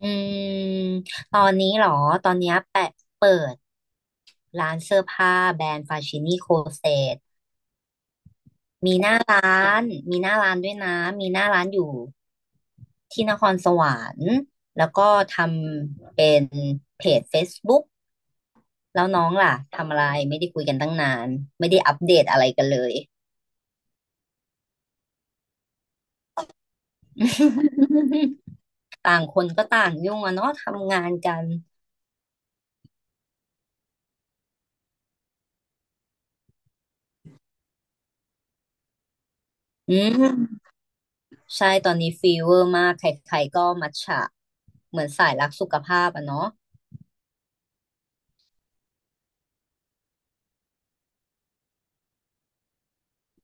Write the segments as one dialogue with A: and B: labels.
A: อืมตอนนี้เหรอตอนเนี้ยแปะเปิดร้านเสื้อผ้าแบรนด์ฟาชินี่โคเซตมีหน้าร้านด้วยนะมีหน้าร้านอยู่ที่นครสวรรค์แล้วก็ทำเป็นเพจ Facebook แล้วน้องล่ะทำอะไรไม่ได้คุยกันตั้งนานไม่ได้อัปเดตอะไรกันเลย ต่างคนก็ต่างยุ่งอะเนาะทำงานกันอืมใช่ตอนนี้ฟีเวอร์มากใครๆก็มัทฉะเหมือนสายรักสุขภาพอะเนาะ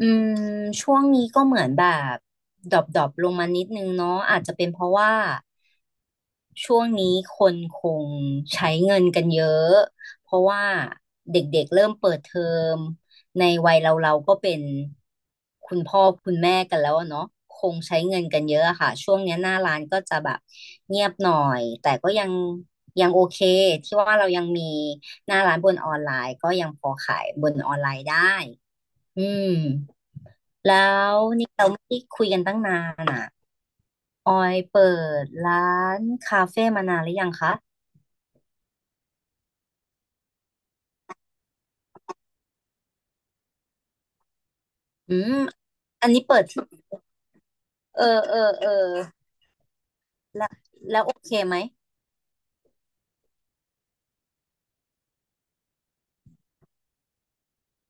A: อืมช่วงนี้ก็เหมือนแบบดรอปดอปลงมานิดนึงเนาะอาจจะเป็นเพราะว่าช่วงนี้คนคงใช้เงินกันเยอะเพราะว่าเด็กๆเริ่มเปิดเทอมในวัยเราเราก็เป็นคุณพ่อคุณแม่กันแล้วอะเนาะคงใช้เงินกันเยอะอะค่ะช่วงเนี้ยหน้าร้านก็จะแบบเงียบหน่อยแต่ก็ยังโอเคที่ว่าเรายังมีหน้าร้านบนออนไลน์ก็ยังพอขายบนออนไลน์ได้อืม แล้วนี่เราไม่ได้คุยกันตั้งนานอ่ะออยเปิดร้านคาเฟ่มานานหรือยังคะ อืม อันนี้เปิดที่เออแล้วโอเคไหม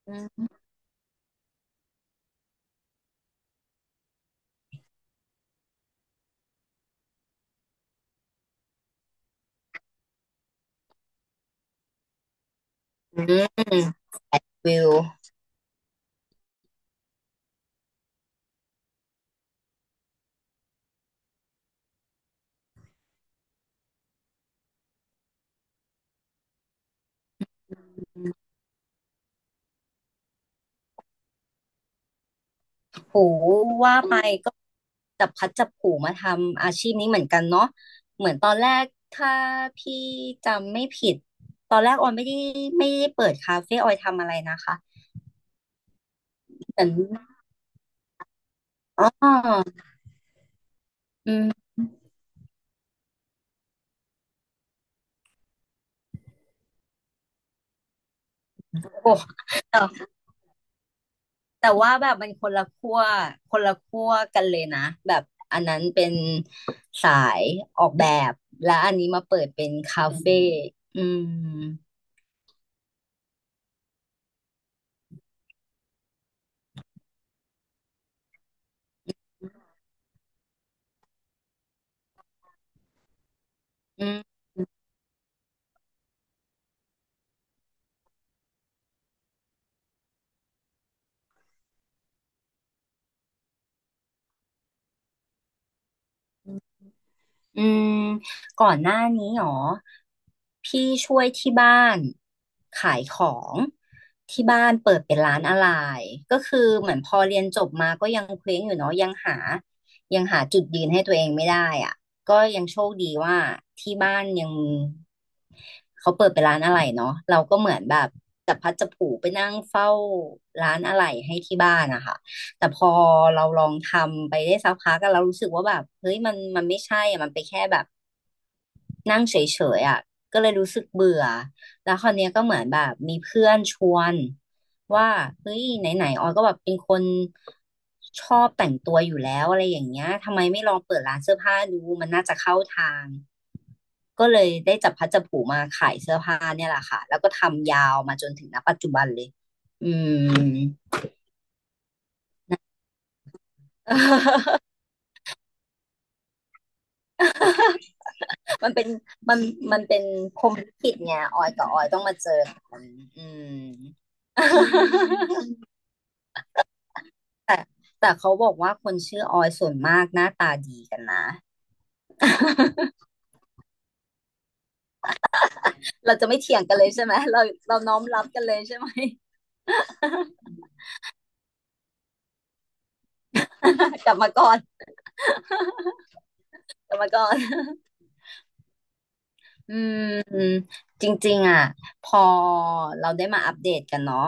A: อืมอืมแปดวิวโหว่าไปก็จับพลัดจับผลูมาทำอาชีพนี้เหมือนกันเนาะเหมือนตอนแรกถ้าพี่จำไม่ผิดตอนแรกออยไม่ได้เปิดคาเฟ่ออยทำอะไรนะคะเหมือนอ๋อโอ้ แต่ว่าแบบมันคนละขั้วกันเลยนะแบบอันนั้นเป็นสายออกแบบและอันนี้มาเปิดเป็นคาเฟ่อืมอืม อืมก่อนหน้านี้หรอพี่ช่วยที่บ้านขายของที่บ้านเปิดเป็นร้านอะไรก็คือเหมือนพอเรียนจบมาก็ยังเคว้งอยู่เนาะยังหาจุดยืนให้ตัวเองไม่ได้อ่ะก็ยังโชคดีว่าที่บ้านยังเขาเปิดเป็นร้านอะไรเนาะเราก็เหมือนแบบจับพลัดจับผลูไปนั่งเฝ้าร้านอะไรให้ที่บ้านนะคะ แต่พอเราลองทำไปได้สักพักก็เรารู้สึกว่าแบบเฮ้ยมันไม่ใช่อะมันไปแค่แบบนั่งเฉยๆอ่ะก็เลยรู้สึกเบื่อแล้วคราวเนี้ยก็เหมือนแบบมีเพื่อนชวนว่าเฮ้ยไหนๆออยก็แบบเป็นคนชอบแต่งตัวอยู่แล้วอะไรอย่างเงี้ยทำไมไม่ลองเปิดร้านเสื้อผ้าดูมันน่าจะเข้าทางก็เลยได้จับพลัดจับผลูมาขายเสื้อผ้าเนี่ยแหละค่ะแล้วก็ทำยาวมาจนถึงณปัจจุบันเลยอืม มันเป็นมันมันเป็นพรหมลิขิตไงออยกับออยต้องมาเจอกันอืมอืมแต่เขาบอกว่าคนชื่อออยส่วนมากหน้าตาดีกันนะ เราจะไม่เถียงกันเลยใช่ไหมเราเราน้อมรับกันเลยใช่ไหม กลับมาก่อนกลับมาก่อน อืมจริงๆอ่ะพอเราได้มาอัปเดตกันเนาะ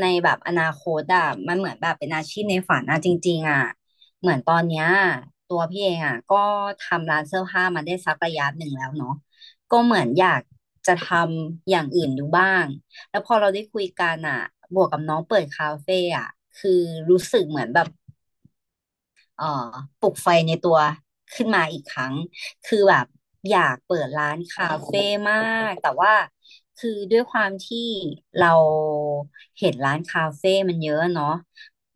A: ในแบบอนาคตอ่ะมันเหมือนแบบเป็นอาชีพในฝันอ่ะจริงๆอ่ะเหมือนตอนเนี้ยตัวพี่เองอ่ะก็ทำร้านเสื้อผ้ามาได้สักระยะหนึ่งแล้วเนาะก็เหมือนอยากจะทำอย่างอื่นดูบ้างแล้วพอเราได้คุยกันอ่ะบวกกับน้องเปิดคาเฟ่อ่ะคือรู้สึกเหมือนแบบ เอ่อปลุกไฟในตัวขึ้นมาอีกครั้ง คือแบบอยากเปิดร้านคาเฟ่มาก แต่ว่าคือด้วยความที่เราเห็นร้านคาเฟ่มันเยอะเนาะ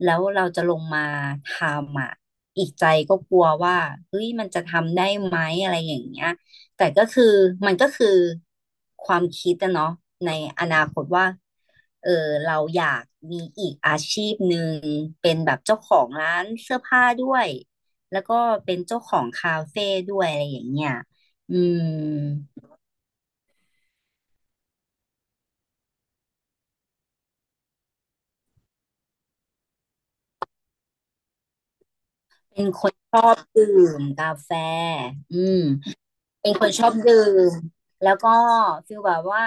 A: แล้วเราจะลงมาทำอ่ะอีกใจก็กลัวว่าเฮ้ยมันจะทำได้ไหมอะไรอย่างเงี้ย แต่ก็คือมันก็คือความคิดอะเนาะในอนาคตว่า เออเราอยากมีอีกอาชีพหนึ่งเป็นแบบเจ้าของร้านเสื้อผ้าด้วยแล้วก็เป็นเจ้าของคาเฟ่ด้วยอะไรอย่างเงี้ยอืมเป็นคนชอบดื่มกาแฟ อืม เป็นคนชอบดื่มแล้วก็ฟีลแบบว่า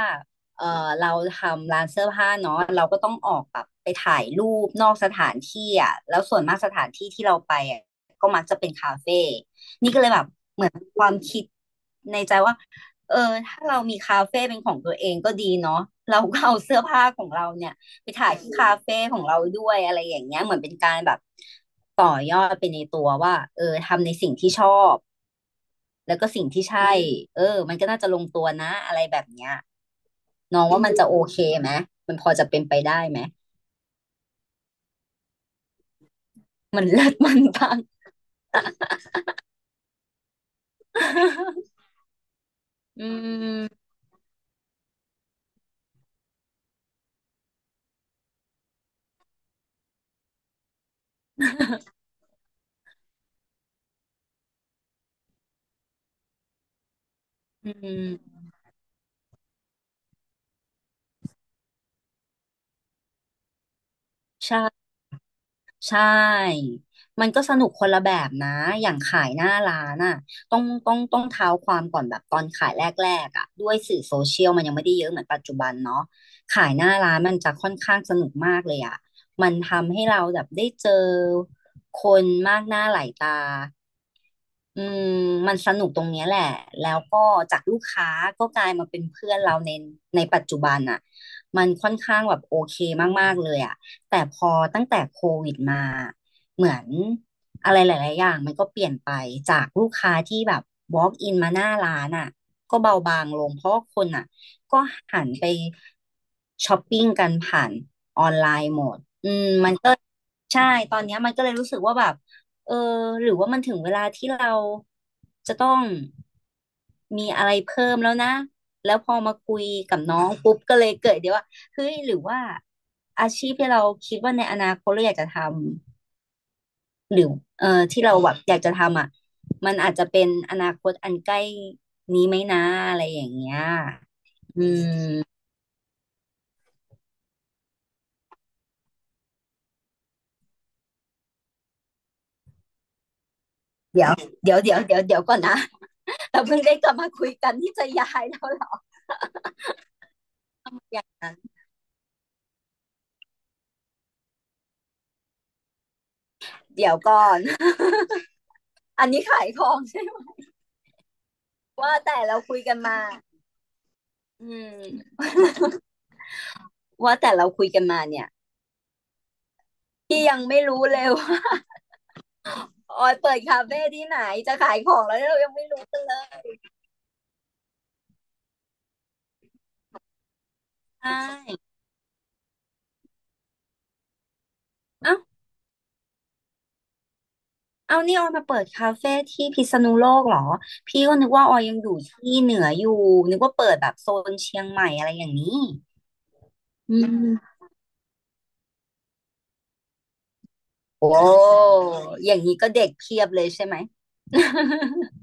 A: เออเราทำร้านเสื้อผ้าเนาะเราก็ต้องออกแบบไปถ่ายรูปนอกสถานที่อ่ะแล้วส่วนมากสถานที่ที่เราไปอ่ะก็มักจะเป็นคาเฟ่นี่ก็เลยแบบเหมือนความคิดในใจว่าเออถ้าเรามีคาเฟ่เป็นของตัวเองก็ดีเนาะเราก็เอาเสื้อผ้าของเราเนี่ยไปถ่ายที่คาเฟ่ของเราด้วยอะไรอย่างเงี้ยเหมือนเป็นการแบบต่อยอดไปในตัวว่าเออทำในสิ่งที่ชอบ แล้วก็สิ่งที่ใช่ เออมันก็น่าจะลงตัวนะอะไรแบบเนี้ยน้องว่ามันจะโอเคไหม มันพอจะเป็นไปได้ไหม มันเลิศมันปัง อืม อืมใช่ ใช่ มันก็สนุกคนละแบบนะ อย่างขายหน้าร้านอ่ะต้องเท้าความก่อนแบบตอนขายแรกๆอ่ะด้วยสื่อโซเชียลมันยังไม่ได้เยอะเหมือนปัจจุบันเนาะขายหน้าร้านมันจะค่อนข้างสนุกมากเลยอ่ะมันทำให้เราแบบได้เจอคนมากหน้าหลายตา อืมมันสนุกตรงเนี้ยแหละ แล้วก็จากลูกค้าก็กลายมาเป็นเพื่อนเราในปัจจุบันอ่ะมันค่อนข้างแบบโอเคมากๆเลยอ่ะแต่พอตั้งแต่โควิดมา เหมือนอะไรหลายๆอย่างมันก็เปลี่ยนไปจากลูกค้าที่แบบ walk in มาหน้าร้านอ่ะก็เบาบางลงเพราะว่าคนอ่ะก็หันไปช้อปปิ้งกันผ่าน ใช่ตอนเนี้ยมันก็เลยรู้สึกว่าแบบเออหรือว่ามันถึงเวลาที่เราจะต้องมีอะไรเพิ่มแล้วนะแล้วพอมาคุยกับน้องปุ๊บก็เลยเกิดเดี๋ยวว่าเฮ้ยหรือว่าอาชีพที่เราคิดว่าในอนาคตเราอยากจะทำหรือเออที่เราแบบอยากจะทำอ่ะมันอาจจะเป็นอนาคตอันใกล้นี้ไหมนะอะไรอย่างเงี้ยอืมเดี๋ยวเดี๋ยวเดี๋ยวเดี๋ยวเดี๋ยวก่อนนะ เราเพิ่งได้กลับมาคุยกันที่จะย้ายแล้วเหรอเดี๋ยวก่อน อันนี้ขายของใช่ไหมว่าแต่เราคุยกันมาอืมว่าแต่เราคุยกันมาเนี่ยพี่ยังไม่รู้เลยว่าออยเปิดคาเฟ่ที่ไหนจะขายของแล้วเนี่ยเรายังไม่รู้กันเลยใช่เอ้าเอานี่ออยมาเปิดคาเฟ่ที่พิษณุโลกเหรอพี่ก็นึกว่าออยยังอยู่ที่เหนืออยู่นึกว่าเปิดแบบโซนเชียงใหม่อะไรอย่างนี้อืมโอ้อย่างนี้ก็เด็กเพียบเลยใช่ไหม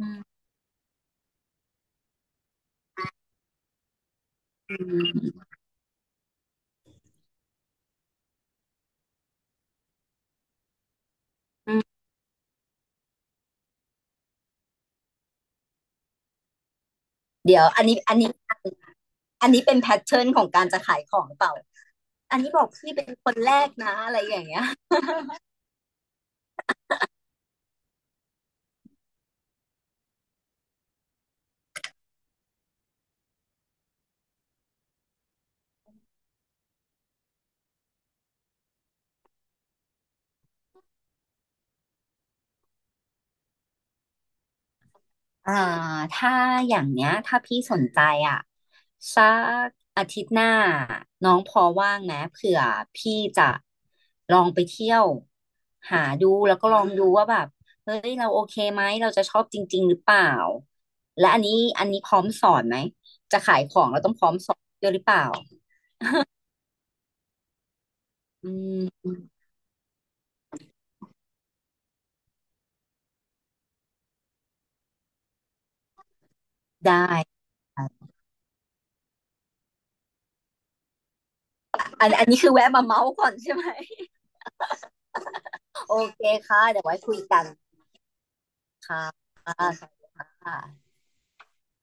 A: อืมอืมเดี๋ยวอันนี้อันนี้เป็นแพทเทิร์นของการจะขายของหรือเปล่า อันนี้บอกพี่เป็นคนแรกนะอะไรอย่างเงี้ยอ่าถ้าอย่างเนี้ยถ้าพี่สนใจอ่ะสักอาทิตย์หน้าน้องพอว่างไหมเผื่อพี่จะลองไปเที่ยวหาดูแล้วก็ลองดูว่าแบบเฮ้ยเราโอเคไหมเราจะชอบจริงๆหรือเปล่าและอันนี้พร้อมสอนไหมจะขายของเราต้องพร้อมสอนด้วยหรือเปล่าอืมได้ค่ะอันนี้คือแวะมาเมาส์ก่อนใช่ไหมโอเคค่ะเดี๋ยวไว้คุยกัน ค่ะค่ะ